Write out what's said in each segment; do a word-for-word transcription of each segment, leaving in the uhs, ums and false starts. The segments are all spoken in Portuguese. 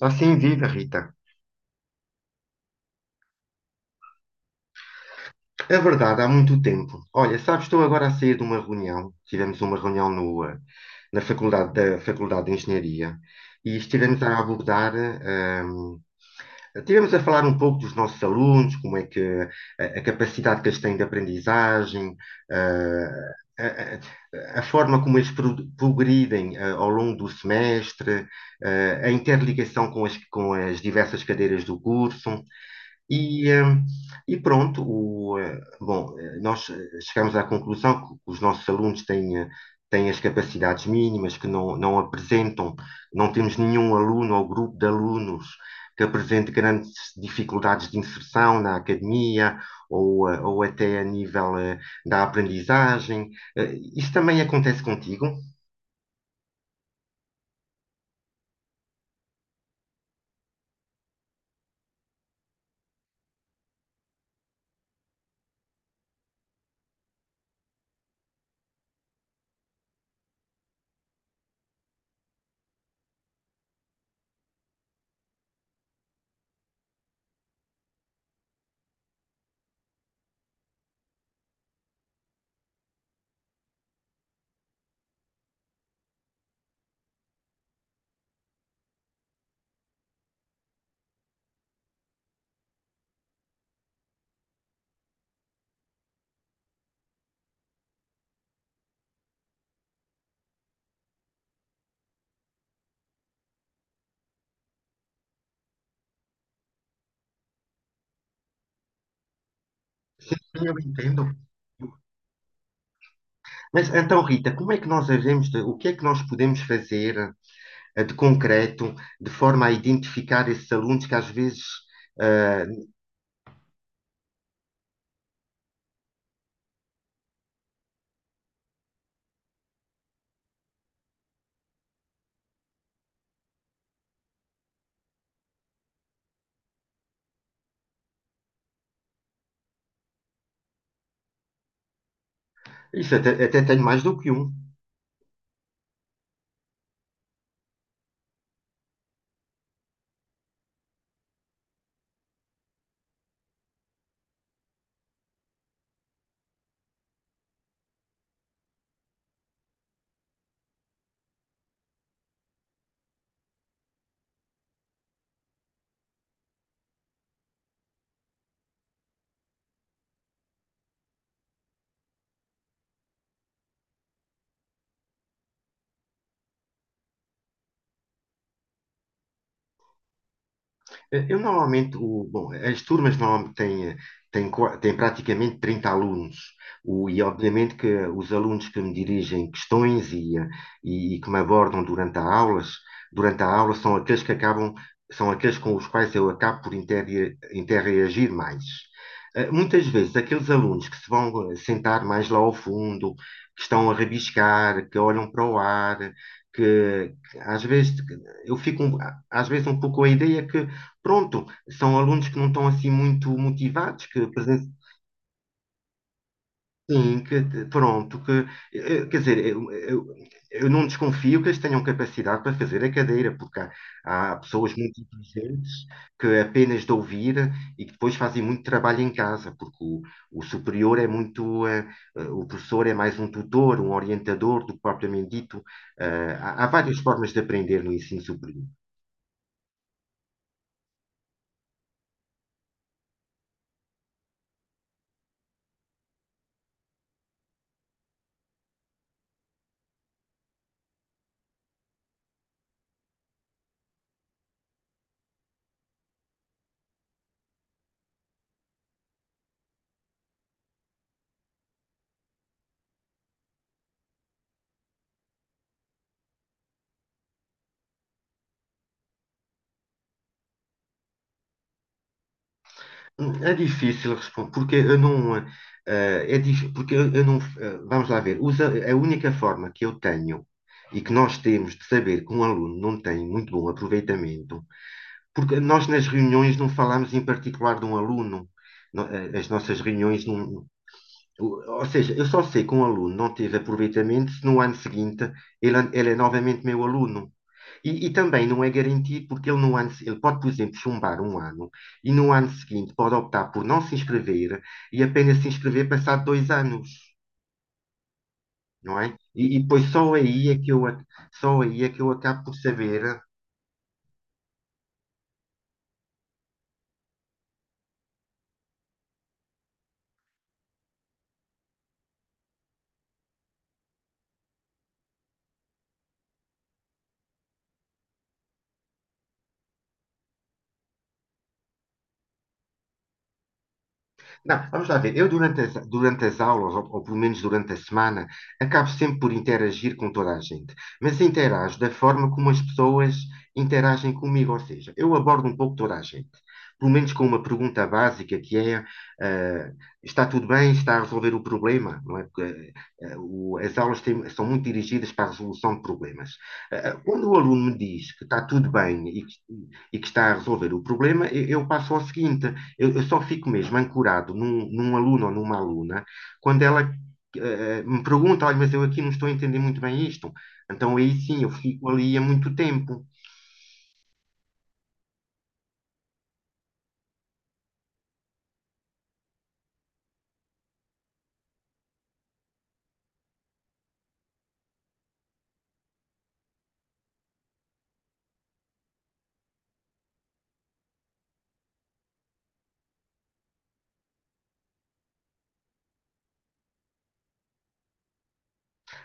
Assim viva, Rita. É verdade, há muito tempo. Olha, sabes, estou agora a sair de uma reunião. Tivemos uma reunião no, eh, na faculdade, da Faculdade de Engenharia e estivemos a abordar eh, Tivemos a falar um pouco dos nossos alunos, como é que a, a capacidade que eles têm de aprendizagem, eh, a, a- a forma como eles pro- progridem eh, ao longo do semestre, eh, a interligação com as, com as diversas cadeiras do curso. E, eh, e pronto, o, eh, bom, eh, nós eh, chegamos à conclusão que os nossos alunos têm, eh, têm as capacidades mínimas, que não, não apresentam, não temos nenhum aluno ou grupo de alunos que apresente grandes dificuldades de inserção na academia ou, eh, ou até a nível eh, da aprendizagem. Eh, Isso também acontece contigo? Eu entendo. Mas então, Rita, como é que nós devemos, o que é que nós podemos fazer eh, de concreto, de forma a identificar esses alunos que às vezes, eh, isso até, até tenho mais do que um. Eu normalmente, o, bom, as turmas normalmente têm, têm, qua- têm praticamente trinta alunos, o, e obviamente que os alunos que me dirigem questões e, eh, e, que me abordam durante a aulas, durante a aula são aqueles que acabam, são aqueles com os quais eu acabo por interre- interreagir mais. Eh, Muitas vezes, aqueles alunos que se vão eh, sentar mais lá ao fundo, que estão a rabiscar, que olham para o ar, que, que às vezes eu fico um- às vezes um pouco com a ideia que pronto, são alunos que não estão assim muito motivados, que presen- sim, que t- pronto, que eh, eh, quer dizer, eu, eu, eu não desconfio que eles tenham capacidade para fazer a cadeira, porque há, há pessoas muito inteligentes que apenas de ouvir e que depois fazem muito trabalho em casa, porque o, o superior é muito, eh, eh, o professor é mais um tutor, um orientador do que propriamente dito. Eh, há, há várias formas de aprender no ensino superior. É difícil responder, porque eu não. Eh, é dif- porque eu, eu não. Eh, vamos lá ver. Usa, a única forma que eu tenho e que nós temos de saber que um aluno não tem muito bom aproveitamento, porque nós nas reuniões não falamos em particular de um aluno. No- eh, As nossas reuniões não. o- Ou seja, eu só sei que um aluno não teve aproveitamento se no ano seguinte ele, ele é novamente meu aluno. E, e também não é garantido, porque ele, no ano, se- ele pode, por exemplo, chumbar um ano e no ano seguinte pode optar por não se inscrever e apenas se inscrever passado dois anos, não é? E, e depois só aí é que eu, ac- só aí é que eu acabo por saber. Não, vamos lá ver. Eu, durante as, durante as aulas, ou, ou pelo menos durante a semana, acabo sempre por interagir com toda a gente. Mas interajo da forma como as pessoas interagem comigo, ou seja, eu abordo um pouco toda a gente. Pelo menos com uma pergunta básica que é: eh, está tudo bem? Está a resolver o problema? Não é? Porque, eh, o- as aulas têm- são muito dirigidas para a resolução de problemas. Eh, quando o aluno me diz que está tudo bem e que, e que está a resolver o problema, eu, eu passo ao seguinte. Eu, eu só fico mesmo ancorado num, num aluno ou numa aluna quando ela eh, me pergunta, olha, mas eu aqui não estou a entender muito bem isto. Então aí sim, eu fico ali há muito tempo.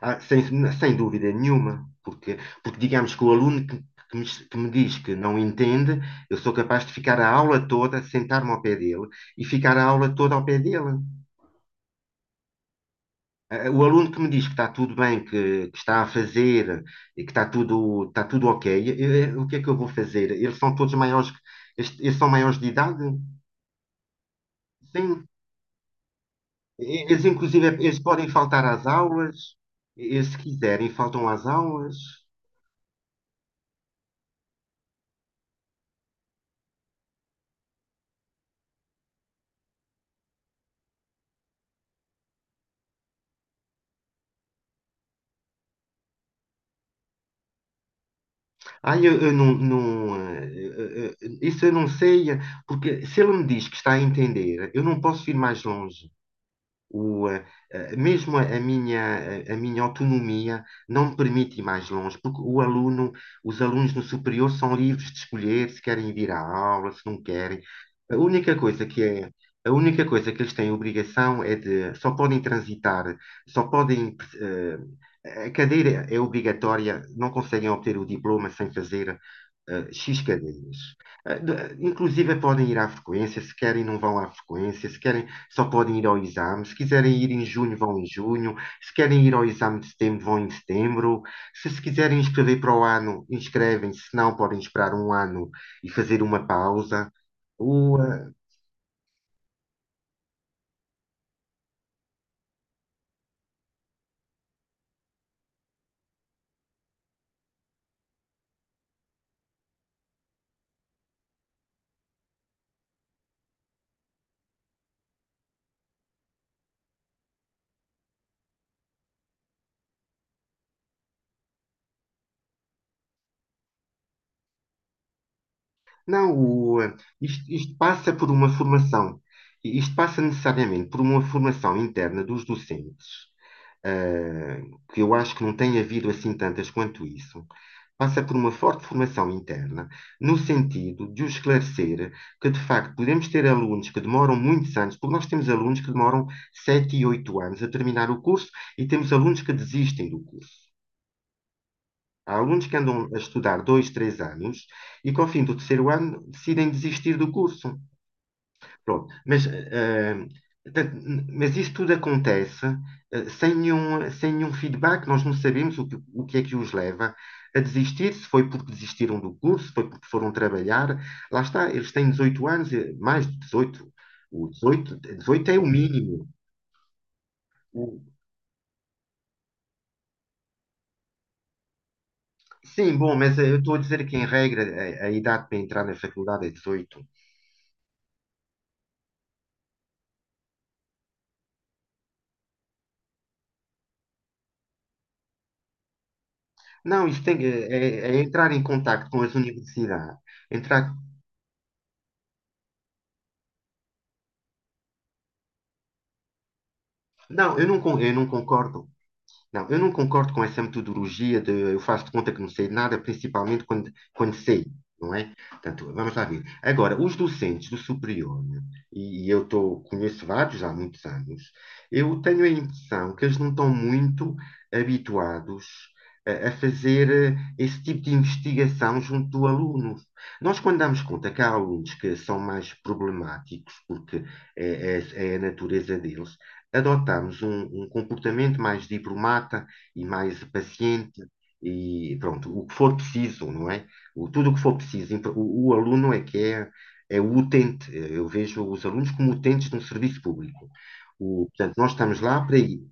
Ah, sem, sem dúvida nenhuma, porque, porque digamos que o aluno que, que me, que me diz que não entende, eu sou capaz de ficar a aula toda, sentar-me ao pé dele e ficar a aula toda ao pé dele. O aluno que me diz que está tudo bem, que, que está a fazer, e que está tudo, está tudo ok, eh, o que é que eu vou fazer? Eles são todos maiores, est- eles são maiores de idade? Sim. Eles, inclusive, eles podem faltar às aulas, eles, se quiserem, faltam às aulas. Ah, eu, eu não, não, eh, eh, eh, isso eu não sei, porque se ele me diz que está a entender, eu não posso ir mais longe. O, eh, eh, Mesmo a a minha, a minha autonomia não me permite ir mais longe, porque o aluno, os alunos no superior são livres de escolher se querem vir à aula, se não querem. A única coisa que é, a única coisa que eles têm obrigação é de, só podem transitar, só podem, eh, a cadeira é obrigatória, não conseguem obter o diploma sem fazer eh, X cadeiras. Eh, de- Inclusive podem ir à frequência, se querem não vão à frequência, se querem só podem ir ao exame. Se quiserem ir em junho, vão em junho. Se querem ir ao exame de setembro, vão em setembro. Se se quiserem inscrever para o ano, inscrevem-se. Se não, podem esperar um ano e fazer uma pausa. O, eh, não, o, eh, isto, isto passa por uma formação. Isto passa necessariamente por uma formação interna dos docentes ah, que eu acho que não tem havido assim tantas quanto isso, passa por uma forte formação interna, no sentido de o esclarecer que, de facto, podemos ter alunos que demoram muitos anos, porque nós temos alunos que demoram sete e oito anos a terminar o curso e temos alunos que desistem do curso. Há alunos que andam a estudar dois, três anos e que ao fim do terceiro ano decidem desistir do curso. Pronto. Mas, eh, portanto, n- mas isso tudo acontece eh, sem nenhum, sem nenhum, feedback. Nós não sabemos o que, o que é que os leva a desistir, se foi porque desistiram do curso, se foi porque foram trabalhar. Lá está, eles têm dezoito anos, eh, mais de dezoito. O dezoito, dezoito é o mínimo. O- sim, bom, mas eh, eu estou a dizer que, em regra, a, a idade para entrar na faculdade é dezoito. Não, isso tem, que- é, é entrar em contacto com as universidades. Entrar, não, eu não, con- eu não concordo. Não, eu não concordo com essa metodologia de eu faço de conta que não sei de nada, principalmente quando, quando sei, não é? Portanto, vamos lá ver. Agora, os docentes do superior, né, e, e eu tô, conheço vários há muitos anos, eu tenho a impressão que eles não estão muito habituados a, a fazer eh, esse tipo de investigação junto do aluno. Nós, quando damos conta que há alunos que são mais problemáticos, porque é, é- é a natureza deles, adotamos um, um comportamento mais diplomata e mais paciente e pronto, o que for preciso, não é? O, tudo o que for preciso. O, o aluno é que é, é o utente. Eu vejo os alunos como utentes de um serviço público. O, portanto, nós estamos lá para e-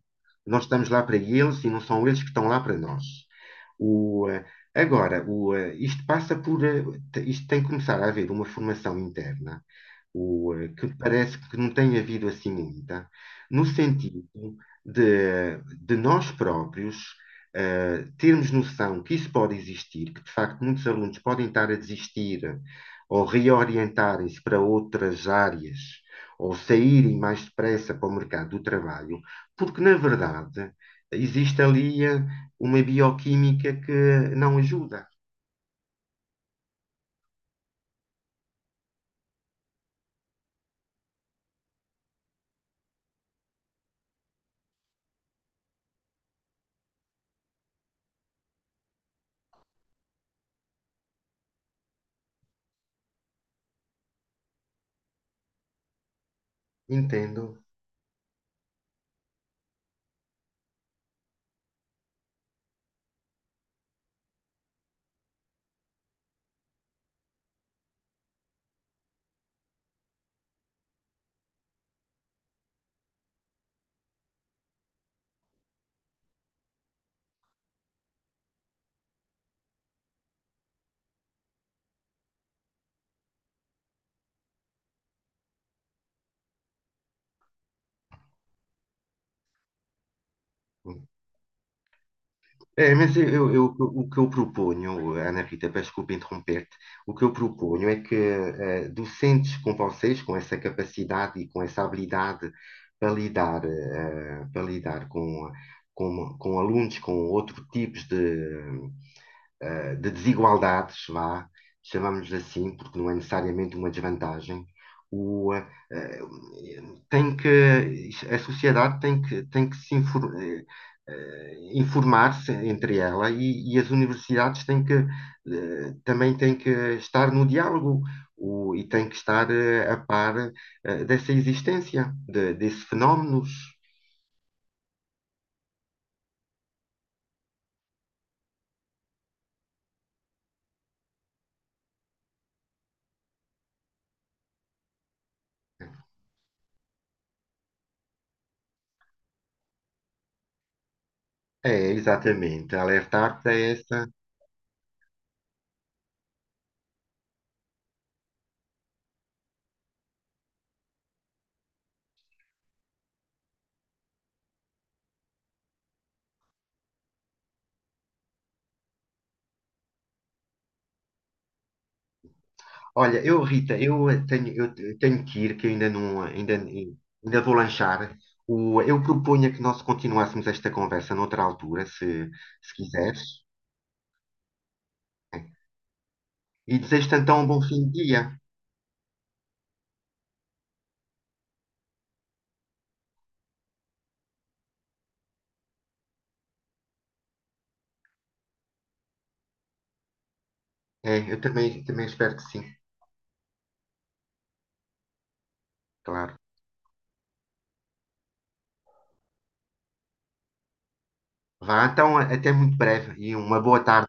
nós estamos lá para eles e não são eles que estão lá para nós. O, eh, Agora, o, eh, isto passa por, eh, isto tem que começar a haver uma formação interna o, eh, que parece que não tem havido assim muita, no sentido de, de nós próprios eh, termos noção que isso pode existir, que de facto muitos alunos podem estar a desistir ou reorientarem-se para outras áreas ou saírem mais depressa para o mercado do trabalho, porque na verdade existe ali eh, uma bioquímica que não ajuda. Entendo. É, mas eu, eu- eu- o que eu proponho, Ana Rita, peço desculpa interromper-te, o que eu proponho é que eh, docentes com vocês, com essa capacidade e com essa habilidade para lidar, eh, para lidar com, com, com, alunos com outros tipos de, eh, de desigualdades, vá, chamamos assim, porque não é necessariamente uma desvantagem, o, eh, eh, tem que, a sociedade tem que, tem que se infor- eh, eh, informar-se entre ela e, e as universidades têm que, eh, também têm que estar no diálogo. O- e têm que estar eh, a par eh, dessa existência, de, desses fenómenos. É, exatamente, alertar para essa. Olha, eu, Rita, eu tenho, eu te- tenho que ir, que eu ainda não, ainda, ainda vou lanchar. O, eu proponho que nós continuássemos esta conversa noutra altura, se, se quiseres. É. E desejo-te então um bom fim de dia. É, eu também, também espero que sim, claro. Vá, então, até muito breve e uma boa tarde.